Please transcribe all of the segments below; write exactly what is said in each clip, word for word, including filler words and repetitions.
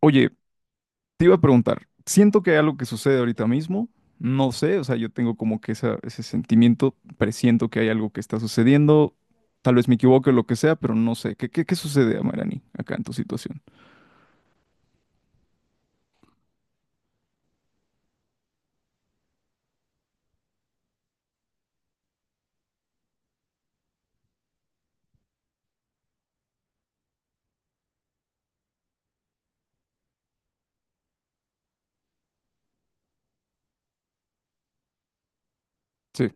Oye, te iba a preguntar, siento que hay algo que sucede ahorita mismo, no sé, o sea, yo tengo como que esa- ese sentimiento, presiento que hay algo que está sucediendo, tal vez me equivoque o lo que sea, pero no sé, ¿qué, qué, qué sucede, Amarani, acá en tu situación? Sí,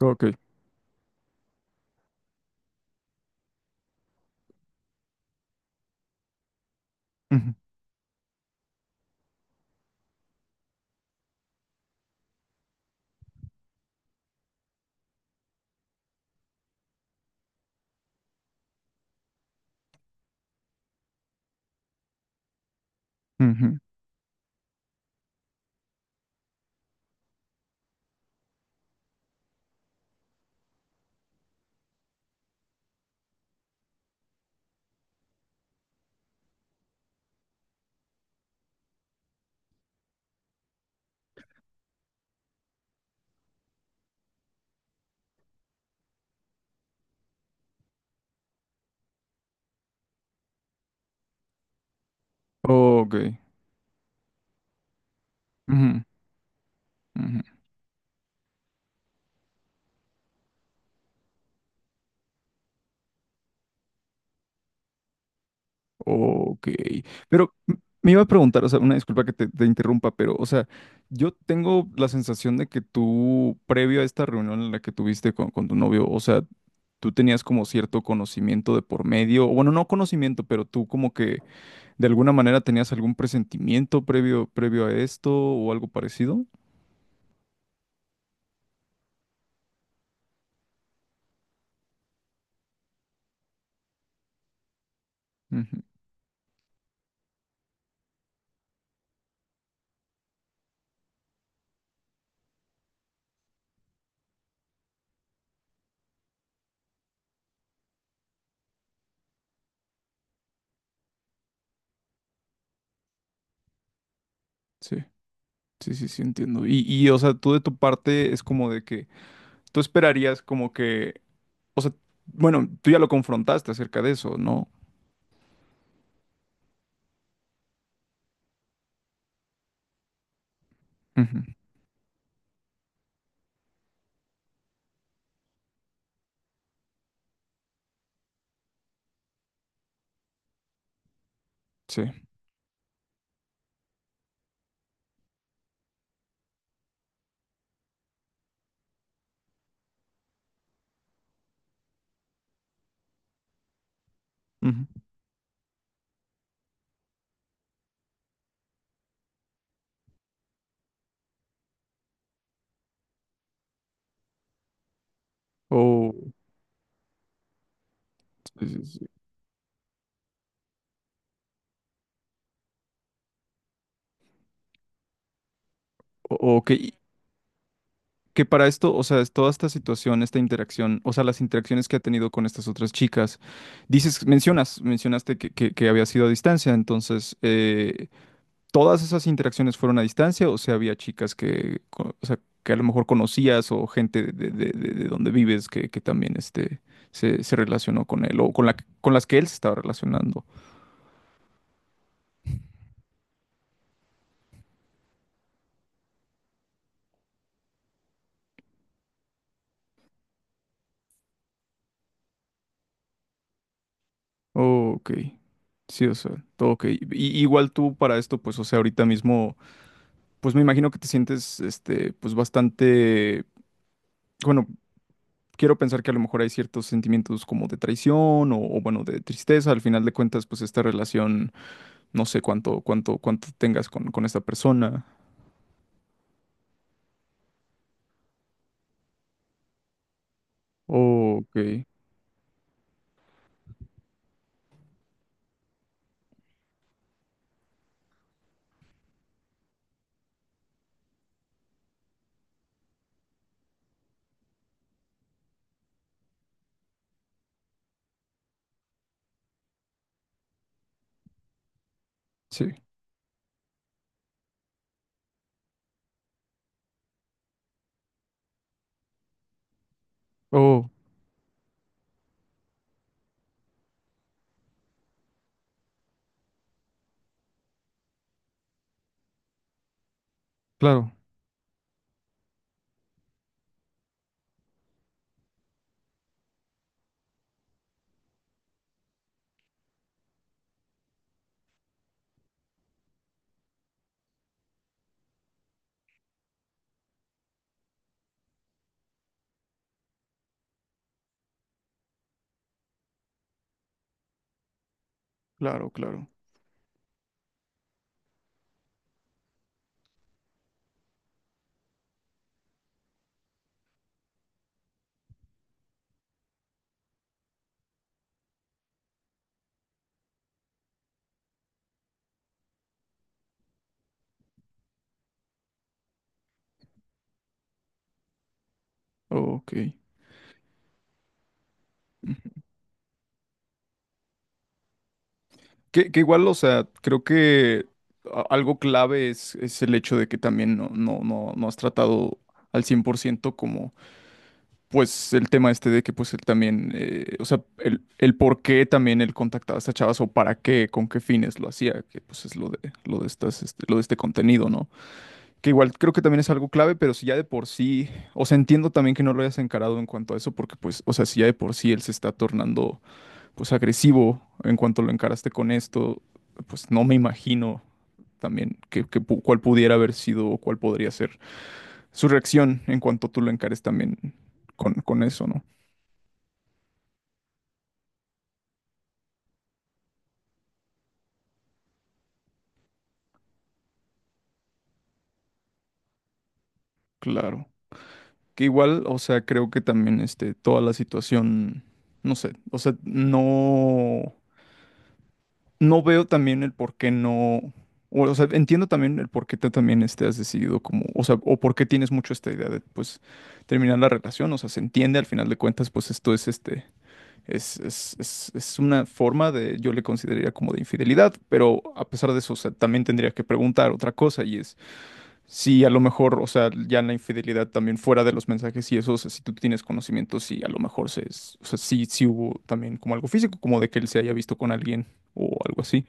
ok. Ujú, ujú. Ok. Ujú, ujú. Ok, pero m- me iba a preguntar, o sea, una disculpa que te, te interrumpa, pero, o sea, yo tengo la sensación de que tú, previo a esta reunión en la que tuviste con, con tu novio, o sea, tú tenías como cierto conocimiento de por medio, o bueno, no conocimiento, pero tú como que de alguna manera tenías algún presentimiento previo, previo a esto o algo parecido. Ujú, sí, sí, sí, sí, entiendo. Y, y, o sea, tú de tu parte es como de que tú esperarías como que, o sea, bueno, tú ya lo confrontaste acerca de eso, ¿no? Ujú, sí. Ujú. O, sí, sí, sí. O- o que, que para esto, o sea, es toda esta situación, esta interacción, o sea, las interacciones que ha tenido con estas otras chicas, dices, mencionas, mencionaste que, que, que había sido a distancia, entonces, eh, ¿todas esas interacciones fueron a distancia o sea, había chicas que, co- o sea, que a lo mejor conocías o gente de, de, de- de- de donde vives que, que también este, se, se relacionó con él o con la, con las que él se estaba relacionando? Ok, sí, o sea, todo ok. Y, igual tú para esto, pues, o sea, ahorita mismo, pues me imagino que te sientes, este, pues bastante, bueno, quiero pensar que a lo mejor hay ciertos sentimientos como de traición o, o, bueno, de tristeza. Al final de cuentas, pues esta relación, no sé cuánto, cuánto, cuánto tengas con, con esta persona. Ok, sí. Oh, claro, claro, claro. Ok. Que, que igual, o sea, creo que a- algo clave es, es el hecho de que también no, no, no, no has tratado al cien por ciento como, pues, el tema este de que, pues, él también, eh, o sea, el, el por qué también él contactaba a estas chavas o para qué, con qué fines lo hacía, que, pues, es lo de, lo de estas, este, lo de este contenido, ¿no? Que igual creo que también es algo clave, pero si ya de por sí, o sea, entiendo también que no lo hayas encarado en cuanto a eso, porque, pues, o sea, si ya de por sí él se está tornando pues agresivo en cuanto lo encaraste con esto, pues no me imagino también que, que pu- cuál pudiera haber sido o cuál podría ser su reacción en cuanto tú lo encares también con, con eso, ¿no? Claro. Que igual, o sea, creo que también este, toda la situación, no sé, o sea, no, no veo también el por qué no, o, o sea, entiendo también el por qué te también este, has decidido como, o sea, o por qué tienes mucho esta idea de, pues, terminar la relación, o sea, se entiende al final de cuentas, pues esto es este, es, es, es- es una forma de, yo le consideraría como de infidelidad, pero a pesar de eso, o sea, también tendría que preguntar otra cosa y es si a lo mejor, o sea, ya en la infidelidad también fuera de los mensajes y eso, o sea, si tú tienes conocimiento, si a lo mejor se es, o sea, sí, sí hubo también como algo físico, como de que él se haya visto con alguien o algo así.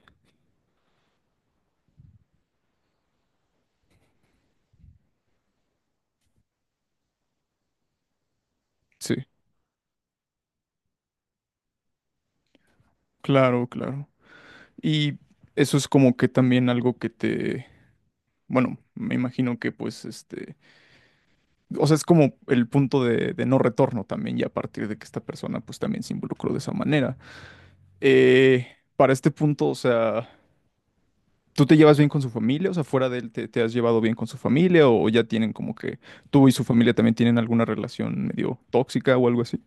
Sí, claro, claro. Y eso es como que también algo que te, bueno, me imagino que pues este, o sea, es como el punto de, de no retorno también, y a partir de que esta persona pues también se involucró de esa manera. Eh, para este punto, o sea, ¿tú te llevas bien con su familia? O sea, fuera de él, ¿te, te has llevado bien con su familia? ¿O ya tienen como que tú y su familia también tienen alguna relación medio tóxica o algo así?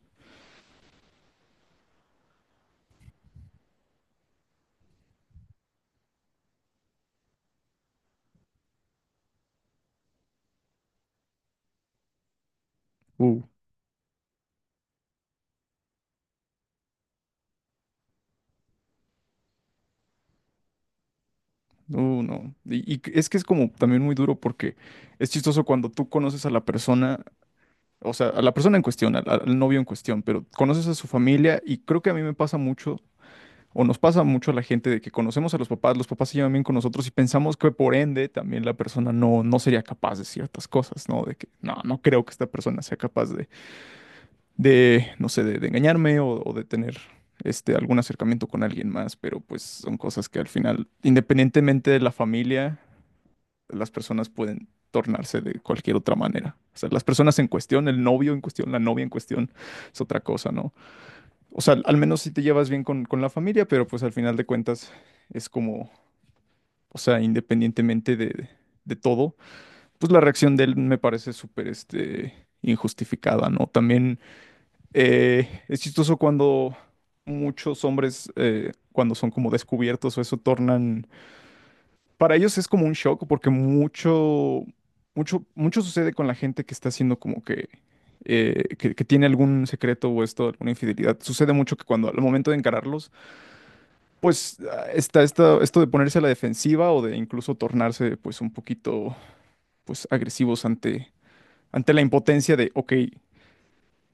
Uh, no, no. Y, y es que es como también muy duro porque es chistoso cuando tú conoces a la persona. O sea, a la persona en cuestión, al, al novio en cuestión, pero conoces a su familia y creo que a mí me pasa mucho. O nos pasa mucho a la gente de que conocemos a los papás, los papás se llevan bien con nosotros y pensamos que por ende también la persona no, no sería capaz de ciertas cosas, ¿no? De que no, no creo que esta persona sea capaz de, de no sé, de, de engañarme o, o de tener este, algún acercamiento con alguien más, pero pues son cosas que al final, independientemente de la familia, las personas pueden tornarse de cualquier otra manera. O sea, las personas en cuestión, el novio en cuestión, la novia en cuestión, es otra cosa, ¿no? O sea, al menos si te llevas bien con, con la familia, pero pues al final de cuentas es como, o sea, independientemente de, de todo, pues la reacción de él me parece súper, este, injustificada, ¿no? También eh, es chistoso cuando muchos hombres, eh, cuando son como descubiertos o eso, tornan, para ellos es como un shock porque mucho, mucho, mucho sucede con la gente que está haciendo como que... eh, que, que tiene algún secreto o esto, alguna infidelidad. Sucede mucho que cuando al momento de encararlo pues ah, está, esta- esto de ponerse a la defensiva o de incluso tornarse pues un poquito pues agresivos ante, ante la impotencia de, ok,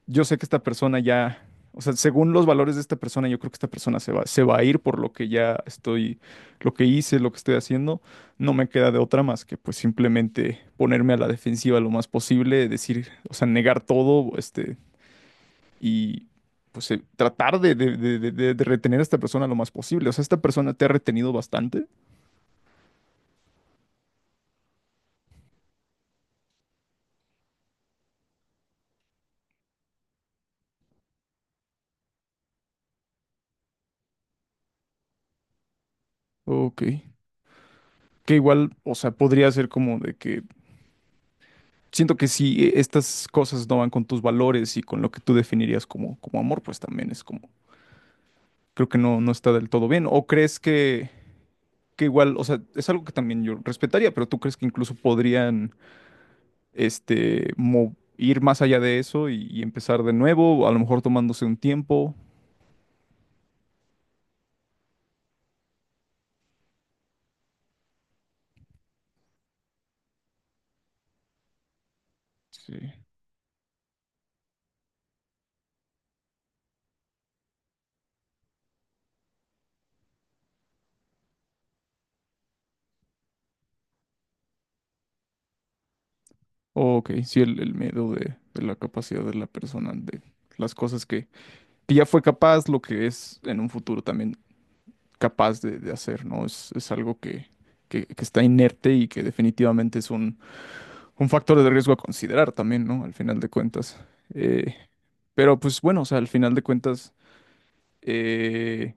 yo sé que esta persona ya, o sea, según los valores de esta persona, yo creo que esta persona se va, se va a ir por lo que ya estoy, lo que hice, lo que estoy haciendo, no me queda de otra más que pues simplemente ponerme a la defensiva lo más posible, decir, o sea, negar todo, este, y pues eh, tratar de, de de- de- de- de retener a esta persona lo más posible. O sea, esta persona te ha retenido bastante. Ok. Que igual, o sea, podría ser como de que siento que si eh, estas cosas no van con tus valores y con lo que tú definirías como, como amor, pues también es como, creo que no, no está del todo bien. ¿O crees que, que igual, o sea, es algo que también yo respetaría, pero tú crees que incluso podrían, este, mo- ir más allá de eso y, y empezar de nuevo, a lo mejor tomándose un tiempo? Sí. Ok, sí, el, el miedo de, de la capacidad de la persona, de las cosas que que ya fue capaz, lo que es en un futuro también capaz de, de hacer, ¿no? Es, es algo que, que, que está inerte y que definitivamente es un, un factor de riesgo a considerar también, ¿no? Al final de cuentas. Eh, pero pues bueno, o sea, al final de cuentas, eh,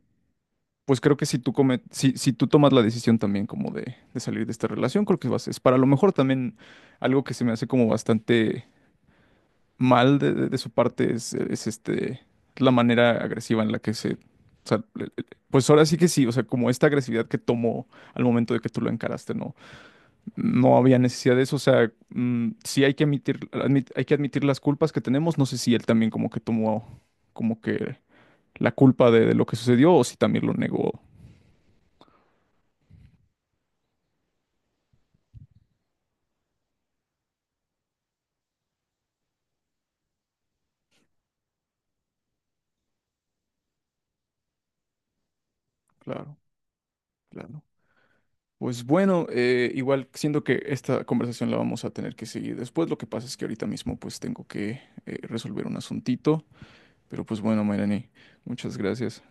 pues creo que si tú, come- si, si tú tomas la decisión también como de, de salir de esta relación, creo que vas, es para lo mejor también, algo que se me hace como bastante... mal de, de- de su parte es, es, este, la manera agresiva en la que se... o sea, le- le- pues ahora sí que sí, o sea, como esta agresividad que tomó al momento de que tú lo encaraste, no, no había necesidad de eso, o sea, mm, sí hay que admitir, admit- hay que admitir las culpas que tenemos, no sé si él también como que tomó como que la culpa de, de lo que sucedió o si también lo negó. Claro, claro. Pues bueno, eh, igual siento que esta conversación la vamos a tener que seguir después. Lo que pasa es que ahorita mismo pues tengo que eh, resolver un asuntito. Pero pues bueno, Mayrani, muchas gracias.